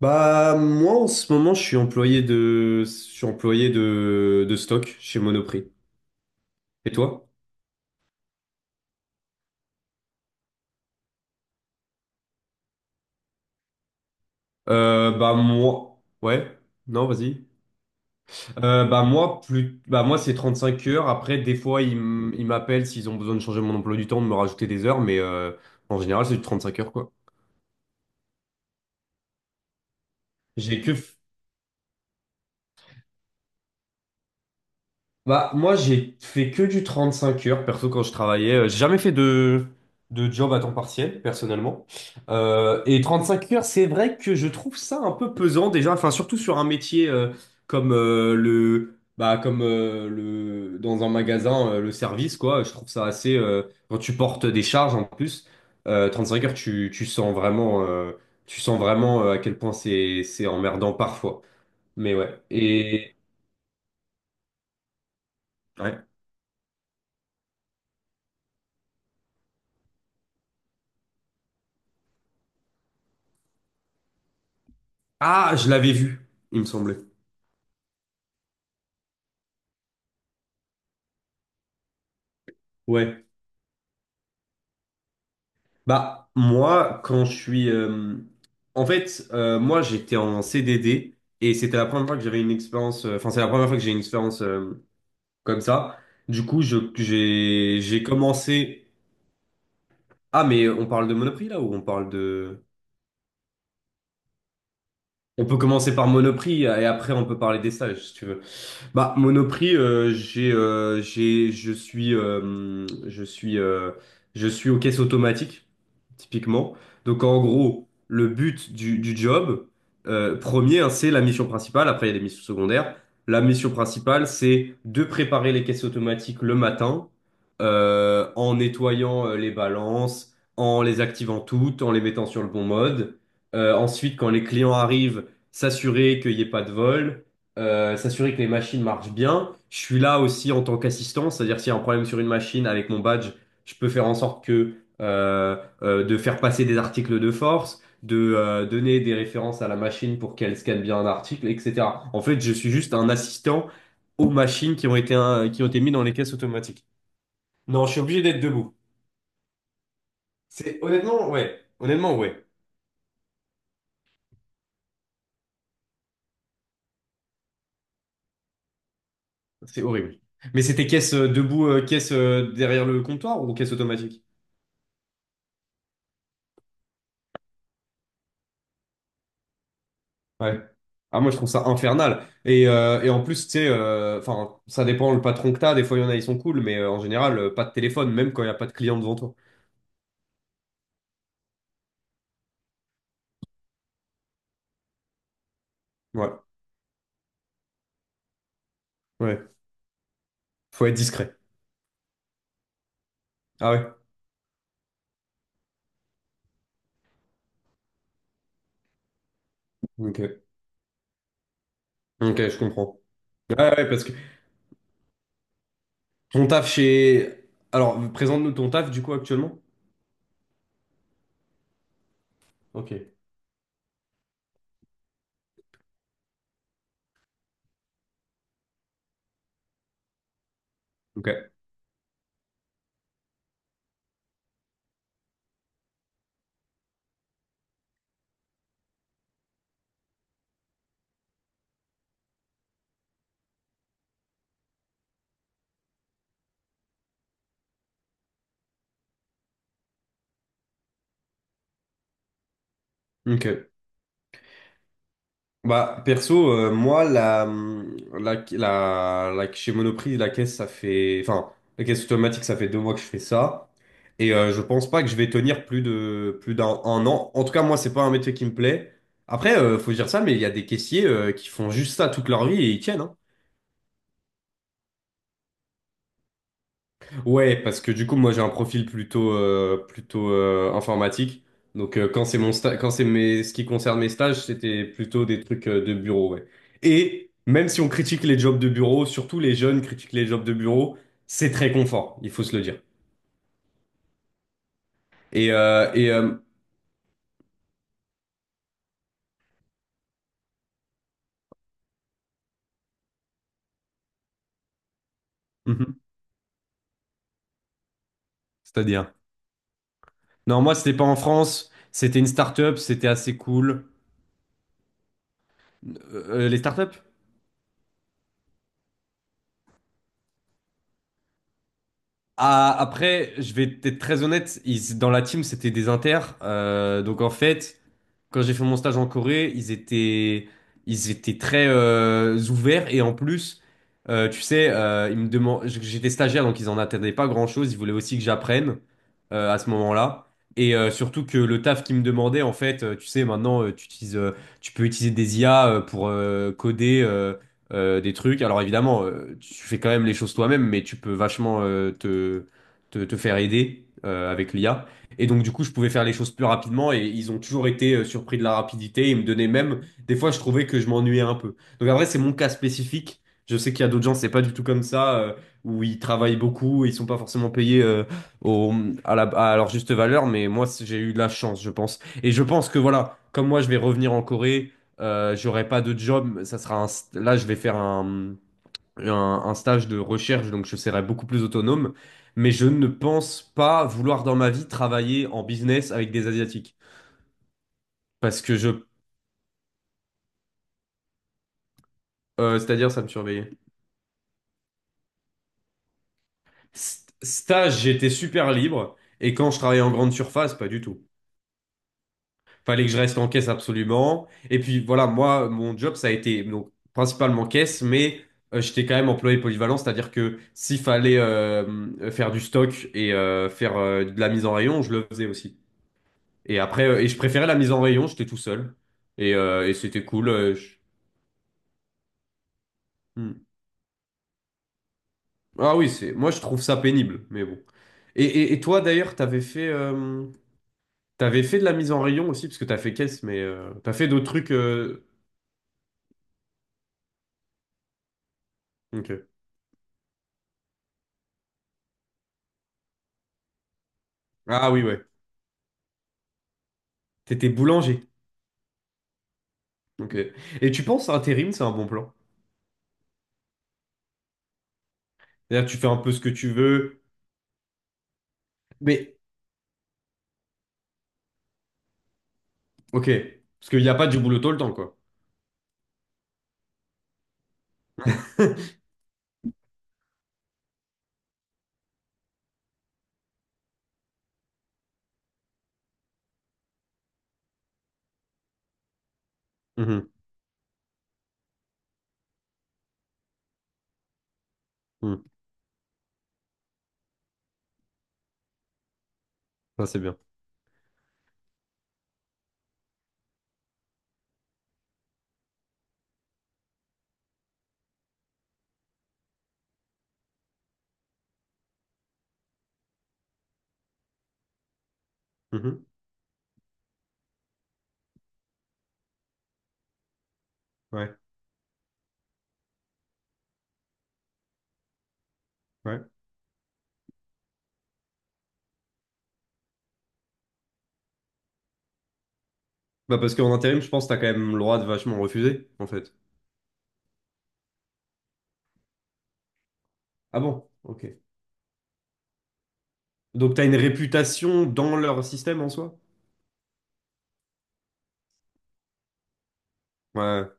Bah moi en ce moment je suis employé de stock chez Monoprix. Et toi? Bah moi, ouais, non, vas-y. Bah moi plus bah moi c'est 35 heures. Après des fois ils m'appellent s'ils ont besoin de changer mon emploi du temps de me rajouter des heures mais en général c'est du 5 heures quoi. J'ai que Bah, moi, j'ai fait que du 35 heures, perso, quand je travaillais. J'ai jamais fait de job à temps partiel, personnellement. Et 5 heures, c'est vrai que je trouve ça un peu pesant, déjà. Enfin, surtout sur un métier, comme le... Bah, comme le... dans un magasin, le service, quoi. Je trouve ça assez, quand tu portes des charges, en plus, 5 heures, tu sens vraiment, à quel point c'est emmerdant parfois. Mais ouais. Et. Ouais. Ah, je l'avais vu, il me semblait. Ouais. Bah, moi, en fait, moi, j'étais en CDD et c'était la première fois que j'avais une expérience... enfin, c'est la première fois que j'ai une expérience comme ça. Du coup, j'ai commencé. Ah, mais on parle de Monoprix là ou on parle de. On peut commencer par Monoprix et après on peut parler des stages, si tu veux. Bah, Monoprix, je suis aux caisses automatiques, typiquement. Donc, en gros, le but du job, premier, hein, c'est la mission principale. Après, il y a des missions secondaires. La mission principale, c'est de préparer les caisses automatiques le matin, en nettoyant les balances, en les activant toutes, en les mettant sur le bon mode. Ensuite, quand les clients arrivent, s'assurer qu'il n'y ait pas de vol, s'assurer que les machines marchent bien. Je suis là aussi en tant qu'assistant, c'est-à-dire s'il y a un problème sur une machine avec mon badge, je peux faire en sorte que euh, de faire passer des articles de force, de donner des références à la machine pour qu'elle scanne bien un article, etc. En fait, je suis juste un assistant aux machines qui ont été mis dans les caisses automatiques. Non, je suis obligé d'être debout. C'est honnêtement, ouais. Honnêtement, ouais. C'est horrible. Mais c'était caisse, debout, caisse derrière le comptoir ou caisse automatique? Ouais. Ah, moi, je trouve ça infernal. Et en plus, tu sais, enfin, ça dépend le patron que t'as. Des fois, il y en a, ils sont cool, mais en général, pas de téléphone, même quand il n'y a pas de client devant toi. Ouais, ouais. Faut être discret. Ah ouais? Ok. Ok, je comprends. Ouais, ouais, parce que ton taf chez... alors, présente-nous ton taf, du coup, actuellement. Ok. Ok. Ok. Bah, perso, moi, chez Monoprix, la caisse, ça fait, enfin, la caisse automatique, ça fait 2 mois que je fais ça. Et je pense pas que je vais tenir plus d'un an. En tout cas, moi, c'est pas un métier qui me plaît. Après, faut dire ça, mais il y a des caissiers qui font juste ça toute leur vie et ils tiennent, hein. Ouais, parce que du coup, moi, j'ai un profil plutôt informatique. Donc, quand c'est mon sta- quand c'est mes, ce qui concerne mes stages, c'était plutôt des trucs de bureau, ouais. Et même si on critique les jobs de bureau, surtout les jeunes critiquent les jobs de bureau, c'est très confort, il faut se le dire. Et, euh, et euh, mhm, c'est-à-dire. Non, moi, c'était pas en France. C'était une start-up, c'était assez cool. Les startups? Ah, après, je vais être très honnête, dans la team, c'était des inters. Donc en fait, quand j'ai fait mon stage en Corée, ils étaient très ouverts. Et en plus, tu sais, ils me demandent, j'étais stagiaire, donc ils en attendaient pas grand-chose. Ils voulaient aussi que j'apprenne à ce moment-là. Et surtout que le taf qu'ils me demandaient, en fait, tu sais, maintenant, tu peux utiliser des IA pour coder. Des trucs. Alors évidemment, tu fais quand même les choses toi-même, mais tu peux vachement te faire aider avec l'IA. Et donc du coup, je pouvais faire les choses plus rapidement et ils ont toujours été surpris de la rapidité. Ils me donnaient même, des fois, je trouvais que je m'ennuyais un peu. Donc après, c'est mon cas spécifique. Je sais qu'il y a d'autres gens, c'est pas du tout comme ça, où ils travaillent beaucoup, et ils sont pas forcément payés au, à leur juste valeur, mais moi, j'ai eu de la chance, je pense. Et je pense que voilà, comme moi, je vais revenir en Corée. J'aurai pas de job, ça sera là je vais faire un stage de recherche, donc je serai beaucoup plus autonome, mais je ne pense pas vouloir dans ma vie travailler en business avec des Asiatiques, parce que c'est-à-dire ça me surveillait. Stage, j'étais super libre, et quand je travaillais en grande surface, pas du tout. Fallait que je reste en caisse absolument. Et puis voilà, moi, mon job, ça a été donc principalement caisse, mais j'étais quand même employé polyvalent, c'est-à-dire que s'il fallait faire du stock et faire de la mise en rayon, je le faisais aussi. Et après, je préférais la mise en rayon, j'étais tout seul. Et c'était cool. Hmm. Ah oui, c'est moi je trouve ça pénible, mais bon. Et toi d'ailleurs, t'avais fait de la mise en rayon aussi, parce que t'as fait caisse, mais t'as fait d'autres trucs. Ok. Ah oui, ouais. T'étais boulanger. Ok. Et tu penses intérim, c'est un bon plan? C'est-à-dire, tu fais un peu ce que tu veux, mais ok. Parce qu'il n'y a pas du boulot tout le temps, quoi. Mhm, mhm. Ah, c'est bien. Mhm. Ouais, ouais. Bah parce qu'en intérim, je pense que t'as quand même le droit de vachement refuser, en fait. Ah bon? Ok. Donc t'as une réputation dans leur système en soi? Ouais,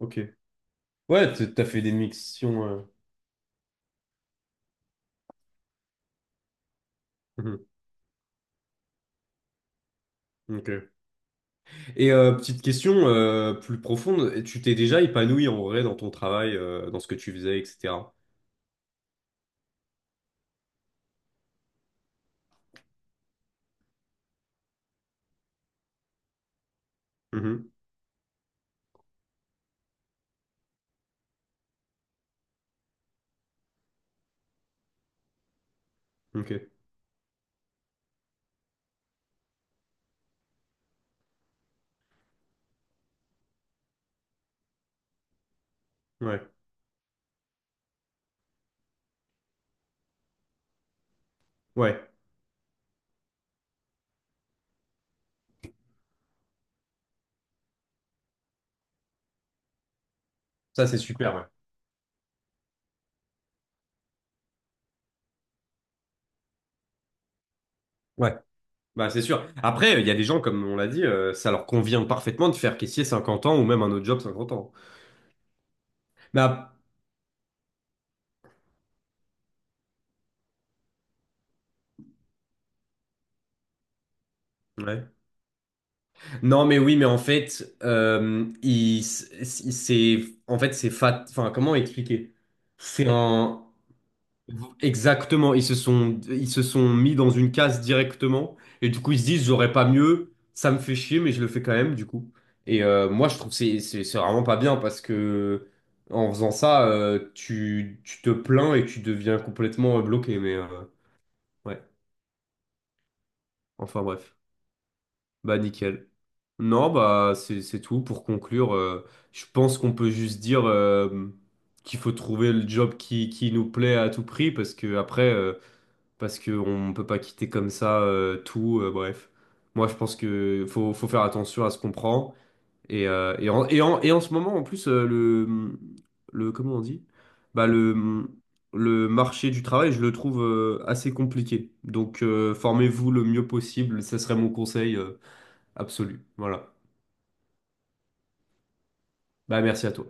ok. Ouais, t'as fait des missions. Mhm. Ok. Et petite question plus profonde, et tu t'es déjà épanoui en vrai dans ton travail, dans ce que tu faisais, etc. Mhm. Ok. Ouais. Ouais, ça c'est super. Ouais. Ouais. Bah c'est sûr. Après, il y a des gens, comme on l'a dit, ça leur convient parfaitement de faire caissier 50 ans ou même un autre job 50 ans. Mais ouais. Non, mais oui, mais en fait, c'est en fait c'est fat. Enfin, comment expliquer? C'est un. Exactement, ils se sont mis dans une case directement et du coup ils se disent j'aurais pas mieux, ça me fait chier mais je le fais quand même du coup. Et moi je trouve que c'est vraiment pas bien parce que en faisant ça tu te plains et tu deviens complètement bloqué mais ouais, enfin bref. Bah nickel. Non bah c'est tout pour conclure, je pense qu'on peut juste dire qu'il faut trouver le job qui nous plaît à tout prix parce que après, parce qu'on ne peut pas quitter comme ça, tout, bref. Moi, je pense que faut faire attention à ce qu'on prend. Et en ce moment, en plus, le, comment on dit? Bah, le marché du travail, je le trouve assez compliqué. Donc, formez-vous le mieux possible, ça serait mon conseil absolu. Voilà. Bah, merci à toi.